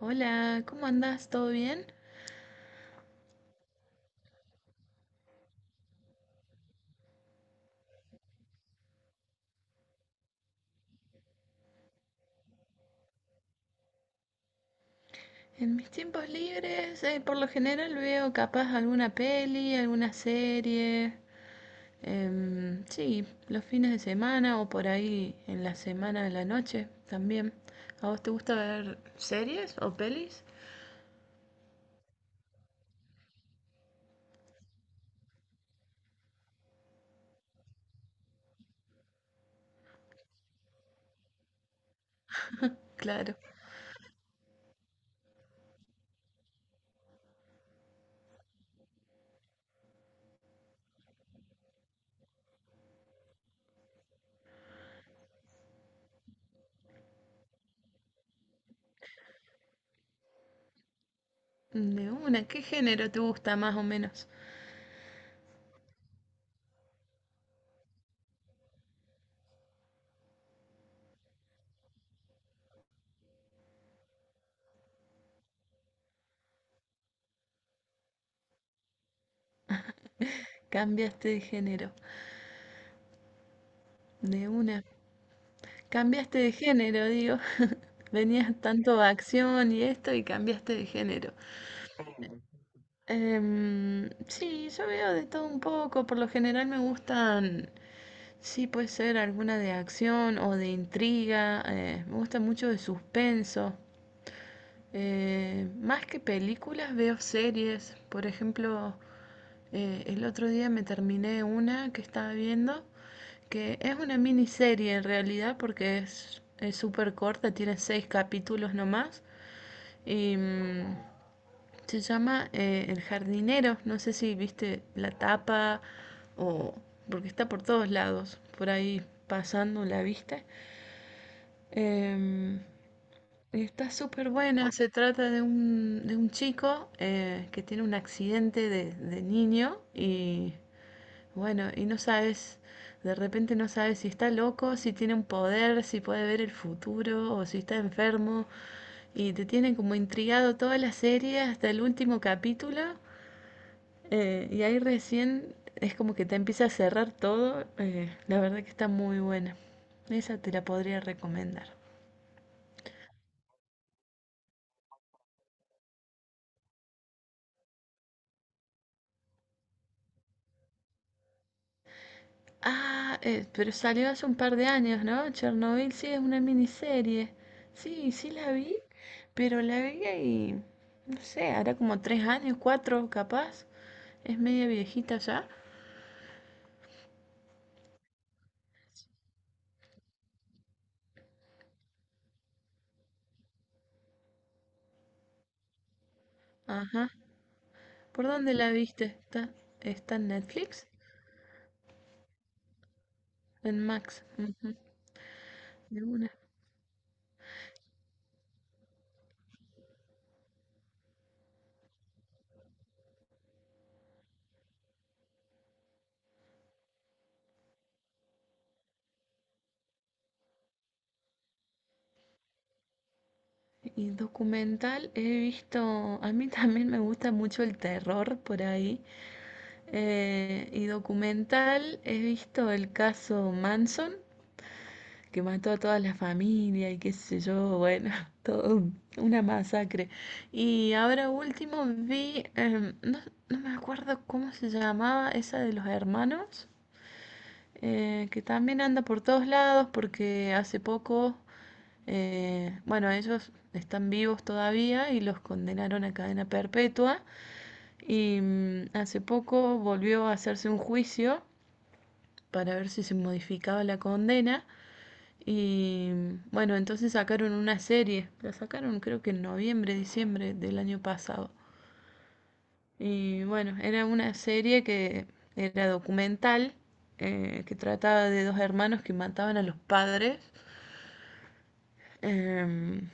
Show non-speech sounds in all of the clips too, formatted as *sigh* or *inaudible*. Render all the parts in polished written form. Hola, ¿cómo andás? ¿Todo bien? En mis tiempos libres, por lo general veo capaz alguna peli, alguna serie. Sí, los fines de semana o por ahí en la semana de la noche también. ¿A vos te gusta ver series o pelis? Claro. De una, ¿qué género te gusta más o menos? Cambiaste de género. De una. Cambiaste de género, digo. *laughs* Venías tanto a acción y esto y cambiaste de género. Sí, yo veo de todo un poco. Por lo general me gustan, sí, puede ser alguna de acción o de intriga. Me gusta mucho de suspenso. Más que películas, veo series. Por ejemplo, el otro día me terminé una que estaba viendo, que es una miniserie en realidad, porque es súper corta, tiene seis capítulos nomás. Y. mm, se llama El jardinero. No sé si viste la tapa o... porque está por todos lados, por ahí pasando, ¿la viste? Em, y está súper buena. Se trata de un chico que tiene un accidente de niño y bueno, y no sabes, de repente no sabes si está loco, si tiene un poder, si puede ver el futuro o si está enfermo. Y te tienen como intrigado toda la serie hasta el último capítulo. Y ahí recién es como que te empieza a cerrar todo. La verdad que está muy buena. Esa te la podría recomendar. Ah, pero salió hace un par de años, ¿no? Chernobyl sí es una miniserie. Sí, sí la vi, pero la vi y no sé, hará como 3 años, cuatro capaz. Es media viejita ya. Ajá. ¿Por dónde la viste? ¿Está en Netflix? En Max. Ujú. De una. Y documental he visto, a mí *laughs* también me gusta mucho el terror por ahí. Y documental he visto el caso Manson, que mató a toda la familia y qué sé yo, bueno, *laughs* todo una masacre. Y ahora último vi, no, no me acuerdo cómo se llamaba esa de los hermanos que también anda por todos lados porque hace poco, bueno, ellos están vivos todavía y los condenaron a cadena perpetua y hace poco volvió a hacerse un juicio para ver si se modificaba la condena y bueno, entonces sacaron una serie, la sacaron creo que en noviembre, diciembre del año pasado. Y bueno, era una serie que era documental, que trataba de dos hermanos que mataban a los padres. Em,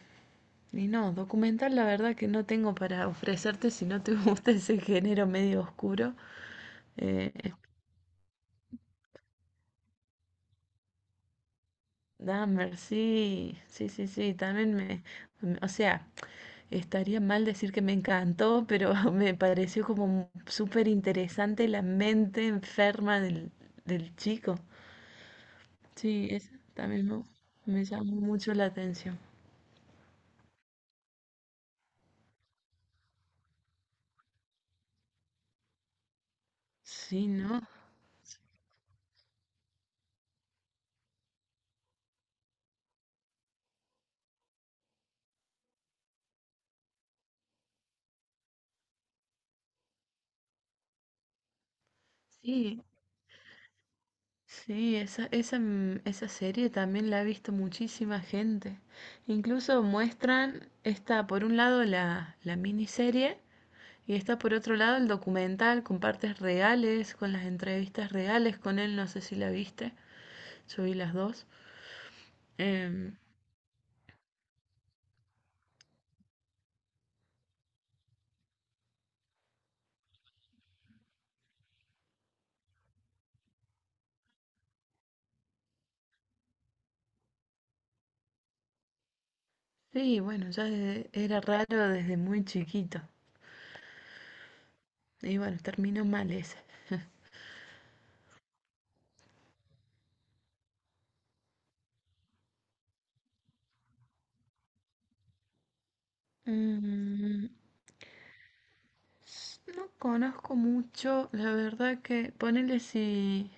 y no, documental la verdad que no tengo para ofrecerte si no te *laughs* gusta ese género medio oscuro. Eh, Dahmer, sí, sí, sí, sí, también o sea, estaría mal decir que me encantó, pero *laughs* me pareció como súper interesante la mente enferma del chico. Sí, esa también me llamó mucho la atención. Sí, ¿no? Sí, sí, esa serie también la ha visto muchísima gente. Incluso muestran, está por un lado la, la miniserie y está por otro lado el documental con partes reales, con las entrevistas reales con él, no sé si la viste, yo vi las dos. Em, sí, bueno, ya era raro desde muy chiquito. Y bueno, terminó mal ese. Mm, No conozco mucho, la verdad que ponele si,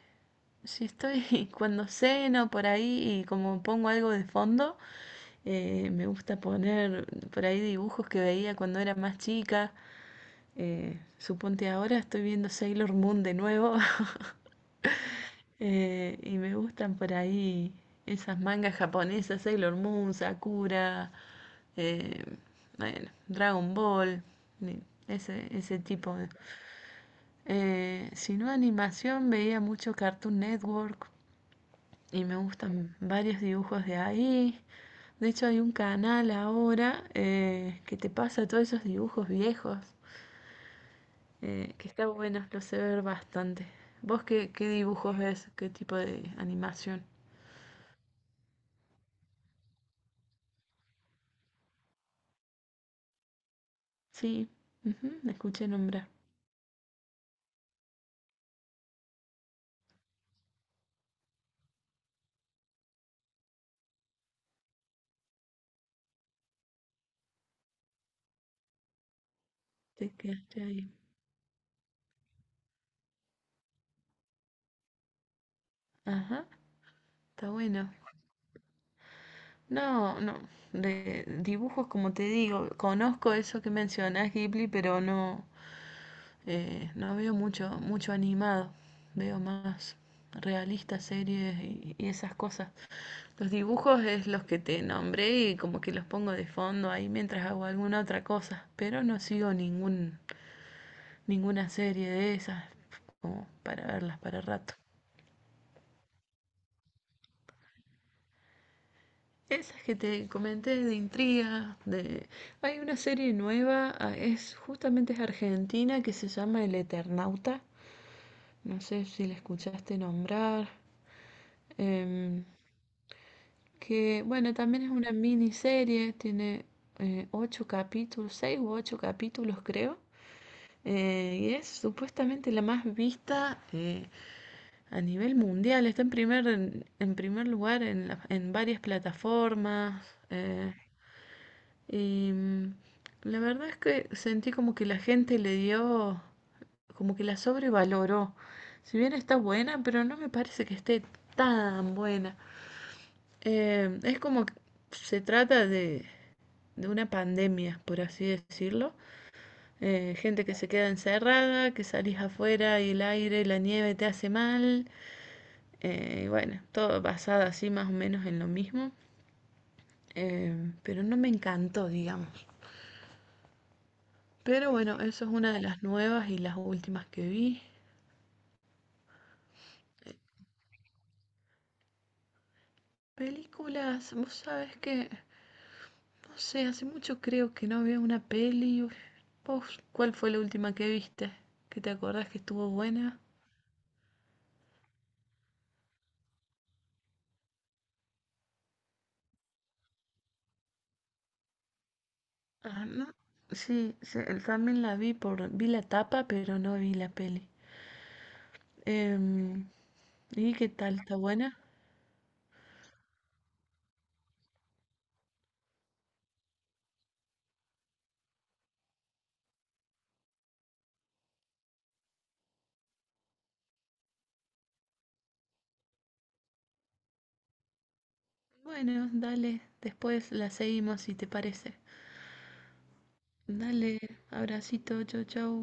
si estoy *laughs* cuando ceno por ahí y como pongo algo de fondo, me gusta poner por ahí dibujos que veía cuando era más chica. Suponte ahora estoy viendo Sailor Moon de nuevo *laughs* y me gustan por ahí esas mangas japonesas, Sailor Moon, Sakura, eh, bueno, Dragon Ball, ese, tipo. Si no animación, veía mucho Cartoon Network y me gustan varios dibujos de ahí. De hecho, hay un canal ahora que te pasa todos esos dibujos viejos, que está bueno, lo sé ver bastante. ¿Vos qué dibujos ves? ¿Qué tipo de animación? Sí, ujú, me escuché nombrar. Te quedaste ahí. Ajá, está bueno. No, no, de dibujos como te digo, conozco eso que mencionás, Ghibli, pero no, no veo mucho, mucho animado, veo más realistas, series y esas cosas. Los dibujos es los que te nombré y como que los pongo de fondo ahí mientras hago alguna otra cosa, pero no sigo ninguna serie de esas como para verlas para rato. Esas que te comenté de intriga, hay una serie nueva, ah, es justamente es argentina que se llama El Eternauta, no sé si la escuchaste nombrar. Em, que bueno, también es una miniserie, tiene ocho capítulos, seis u ocho capítulos creo, y es supuestamente la más vista a nivel mundial, está en primer lugar en varias plataformas, eh, y la verdad es que sentí como que la gente le dio, como que la sobrevaloró, si bien está buena, pero no me parece que esté tan buena. Es como que se trata de una pandemia, por así decirlo. Gente que se queda encerrada, que salís afuera y el aire, la nieve te hace mal. Y bueno, todo basado así más o menos en lo mismo. Pero no me encantó, digamos. Pero bueno, eso es una de las nuevas y las últimas que vi. Películas, vos sabés que, no sé, hace mucho creo que no veo una peli. Uf, ¿Vos cuál fue la última que viste? ¿Que te acordás que estuvo buena? Ah, no. Sí, también la vi por, vi la tapa, pero no vi la peli. Em, ¿Y qué tal? ¿Está buena? Bueno, dale, después la seguimos si te parece. Dale, abracito, chau, chau.